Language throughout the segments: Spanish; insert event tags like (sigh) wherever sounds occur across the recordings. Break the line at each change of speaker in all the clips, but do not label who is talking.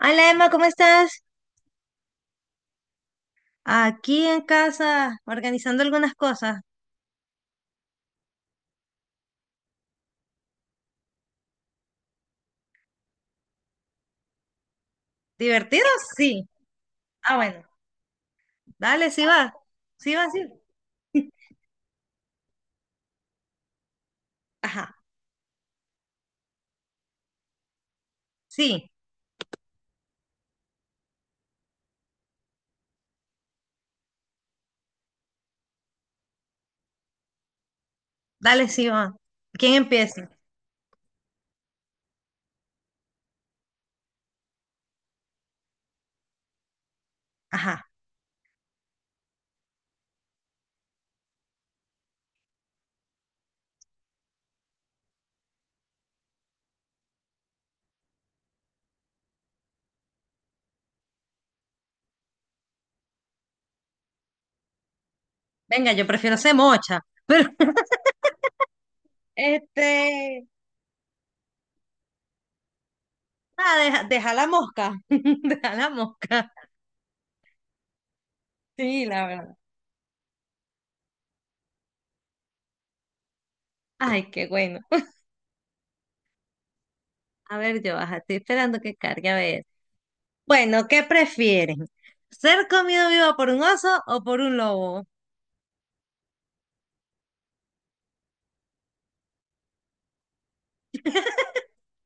Hola, Emma, ¿cómo estás? Aquí en casa, organizando algunas cosas. ¿Divertido? Sí. Ah, bueno, dale, sí va. Sí va, sí. (laughs) Ajá, sí, dale, sí va. ¿Quién empieza? Ajá. Venga, yo prefiero ser mocha. Pero, este, deja la mosca. (laughs) Deja la mosca. Sí, la verdad. Ay, qué bueno. A ver, yo baja, estoy esperando que cargue a ver. Bueno, ¿qué prefieren? ¿Ser comido vivo por un oso o por un lobo?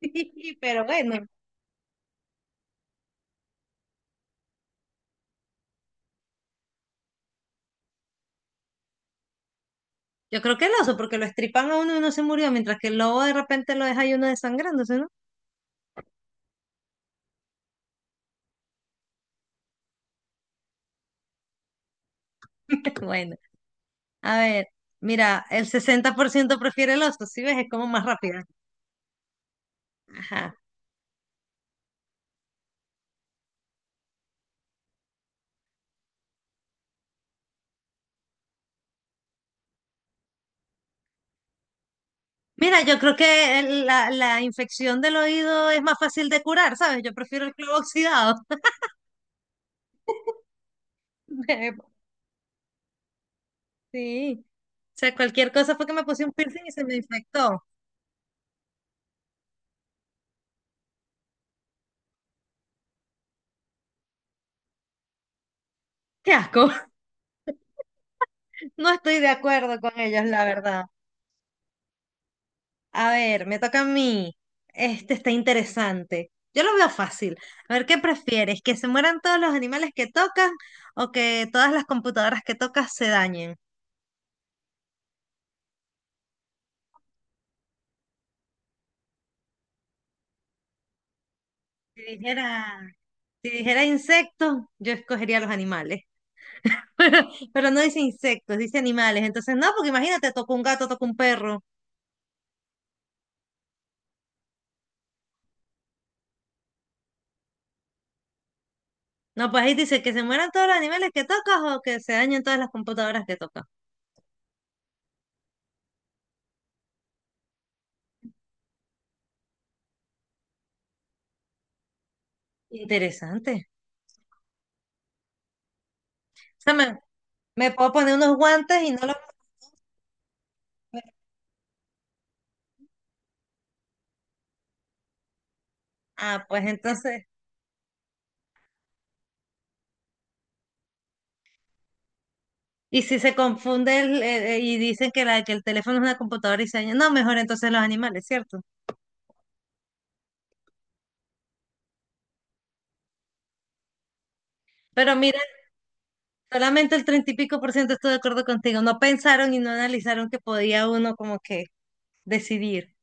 (laughs) Pero bueno. Yo creo que el oso, porque lo estripan a uno y uno se murió, mientras que el lobo de repente lo deja y uno desangrándose, ¿no? (laughs) Bueno, a ver, mira, el 60% prefiere el oso. ¿Sí ves? Es como más rápida. Ajá. Mira, yo creo que la infección del oído es más fácil de curar, ¿sabes? Yo prefiero el clavo oxidado. (laughs) Sí. O sea, cualquier cosa fue que me puse un piercing y se me infectó. Qué asco. (laughs) No estoy de acuerdo con ellos, la verdad. A ver, me toca a mí. Este está interesante. Yo lo veo fácil. A ver, ¿qué prefieres? ¿Que se mueran todos los animales que tocas o que todas las computadoras que tocas se dañen? Si dijera, si dijera insectos, yo escogería los animales. (laughs) Pero no dice insectos, dice animales. Entonces, no, porque imagínate, toco un gato, toco un perro. No, pues ahí dice que se mueran todos los animales que tocas o que se dañen todas las computadoras que tocas. Interesante. O sea, me puedo poner unos guantes y no los... Ah, pues entonces... Y si se confunde y dicen que el teléfono es una computadora y se daña, no, mejor entonces los animales, ¿cierto? Pero mira, solamente el treinta y pico por ciento estoy de acuerdo contigo. No pensaron y no analizaron que podía uno como que decidir.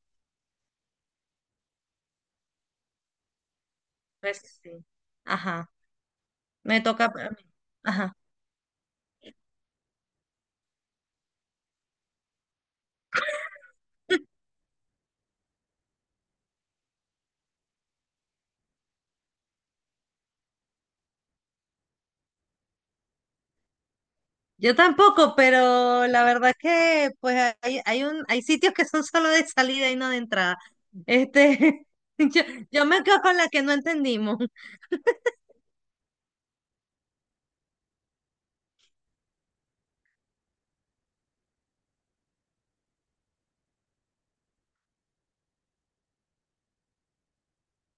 Pues sí. Ajá. Me toca a mí. Ajá. Yo tampoco, pero la verdad que pues hay sitios que son solo de salida y no de entrada. Este, (laughs) yo, yo me quedo con la que no entendimos.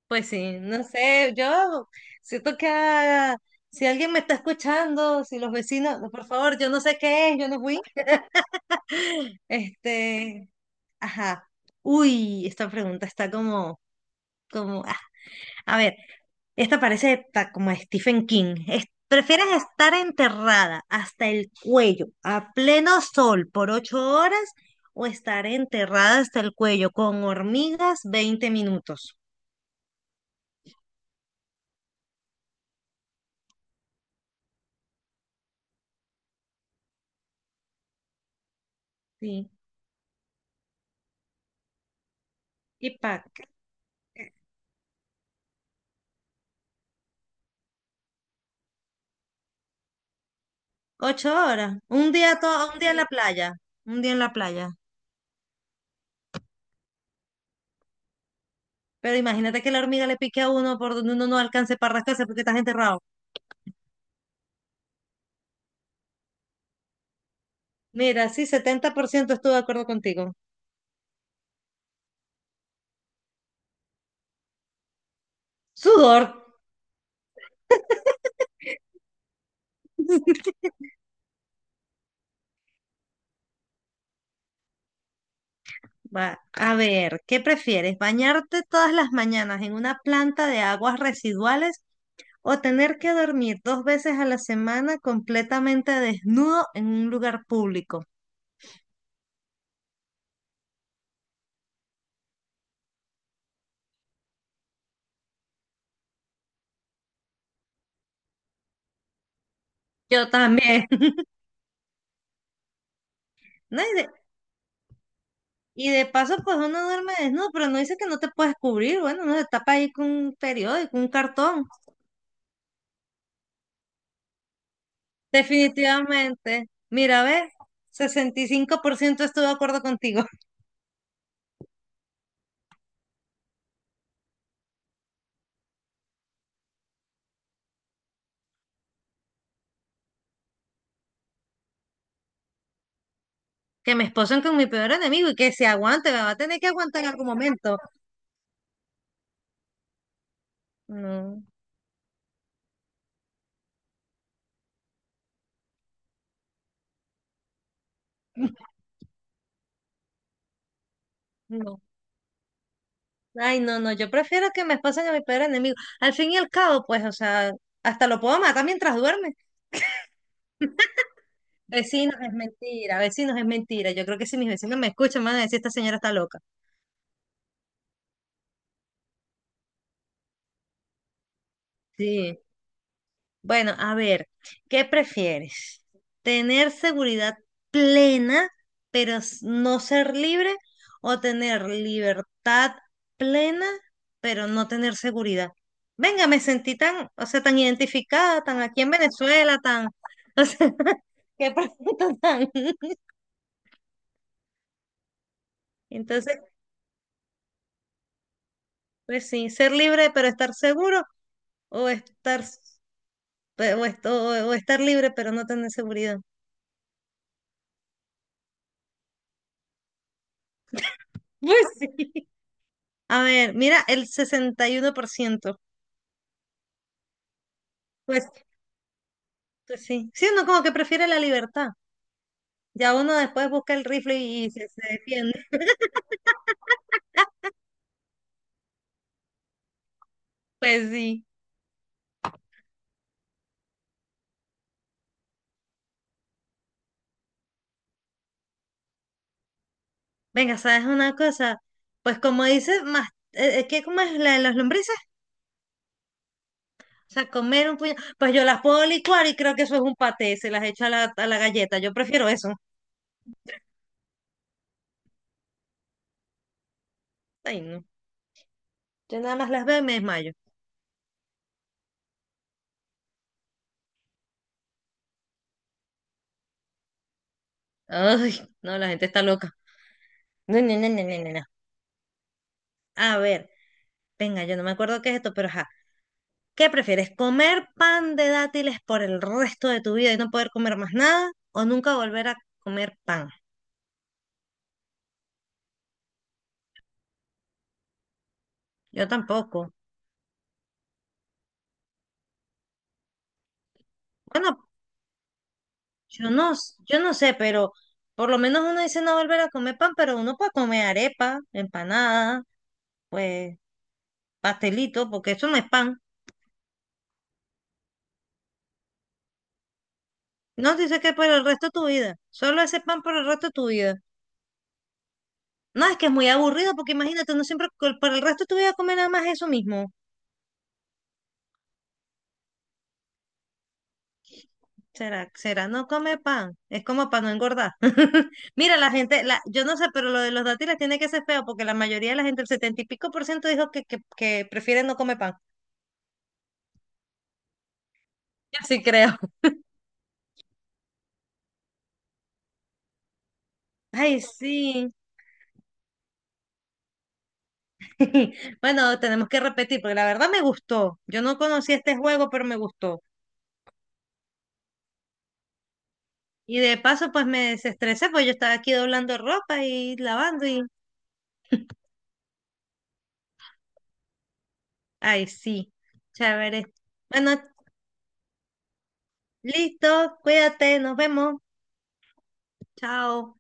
Pues sí, no sé, yo siento que si alguien me está escuchando, si los vecinos, no, por favor, yo no sé qué es, yo no fui. Este, ajá. Uy, esta pregunta está como, a ver, esta parece como a Stephen King. ¿Prefieres estar enterrada hasta el cuello a pleno sol por 8 horas o estar enterrada hasta el cuello con hormigas 20 minutos? Sí. ¿Y para...? 8 horas. Un día todo, un día en la playa. Un día en la playa. Pero imagínate que la hormiga le pique a uno por donde uno no alcance para rascarse porque estás enterrado. Mira, sí, 70% estuve de acuerdo contigo. Sudor. (laughs) Va, a ver, ¿qué prefieres? ¿Bañarte todas las mañanas en una planta de aguas residuales o tener que dormir dos veces a la semana completamente desnudo en un lugar público? Yo también. (laughs) No, Y de paso, pues uno duerme desnudo, pero no dice que no te puedes cubrir. Bueno, uno se tapa ahí con un periódico, un cartón. Definitivamente. Mira, ves, 65% estoy de acuerdo contigo. (laughs) Que me esposen con mi peor enemigo y que se aguante, me va a tener que aguantar en algún momento. No, (laughs) no. Ay, no, no, yo prefiero que me esposen a mi peor enemigo. Al fin y al cabo, pues, o sea, hasta lo puedo matar mientras duerme. (laughs) Vecinos, es mentira, vecinos, es mentira. Yo creo que si mis vecinos me escuchan, van a decir, esta señora está loca. Sí. Bueno, a ver, ¿qué prefieres? ¿Tener seguridad plena, pero no ser libre? ¿O tener libertad plena, pero no tener seguridad? Venga, me sentí tan, o sea, tan identificada, tan aquí en Venezuela, tan, (laughs) o sea, qué pregunta tan. (laughs) Entonces, pues sí, ser libre pero estar seguro o estar, s- pe- o, est- o estar libre pero no tener seguridad. Pues (laughs) sí. A ver, mira, el 61%. Pues, pues sí. Sí, uno como que prefiere la libertad. Ya uno después busca el rifle y se defiende. Pues sí. Venga, ¿sabes una cosa? Pues como dice, más, ¿qué como es la de las lombrices? O sea, comer un puño. Pues yo las puedo licuar y creo que eso es un paté, se las echo a la galleta. Yo prefiero eso. Ay, no. Yo nada más las veo y me desmayo. Ay, no, la gente está loca. No, no, no, no, no, no, no. A ver, venga, yo no me acuerdo qué es esto, pero ajá. ¿Qué prefieres? ¿Comer pan de dátiles por el resto de tu vida y no poder comer más nada? ¿O nunca volver a comer pan? Yo tampoco. Bueno, yo no sé, pero por lo menos uno dice no volver a comer pan, pero uno puede comer arepa, empanada, pues pastelito, porque eso no es pan. No dice que por el resto de tu vida. Solo ese pan por el resto de tu vida. No, es que es muy aburrido, porque imagínate, uno siempre por el resto de tu vida comer nada más eso mismo. ¿Será no come pan? Es como para no engordar. (laughs) Mira, la gente, yo no sé, pero lo de los dátiles tiene que ser feo porque la mayoría de la gente, el setenta y pico por ciento, dijo que prefiere no comer pan. (laughs) Yo sí creo. Ay, sí. (laughs) Bueno, tenemos que repetir porque la verdad me gustó. Yo no conocía este juego, pero me gustó. Y de paso, pues me desestresé, pues yo estaba aquí doblando ropa y lavando y... Ay, sí. Chévere. Bueno, listo. Cuídate. Nos vemos. Chao.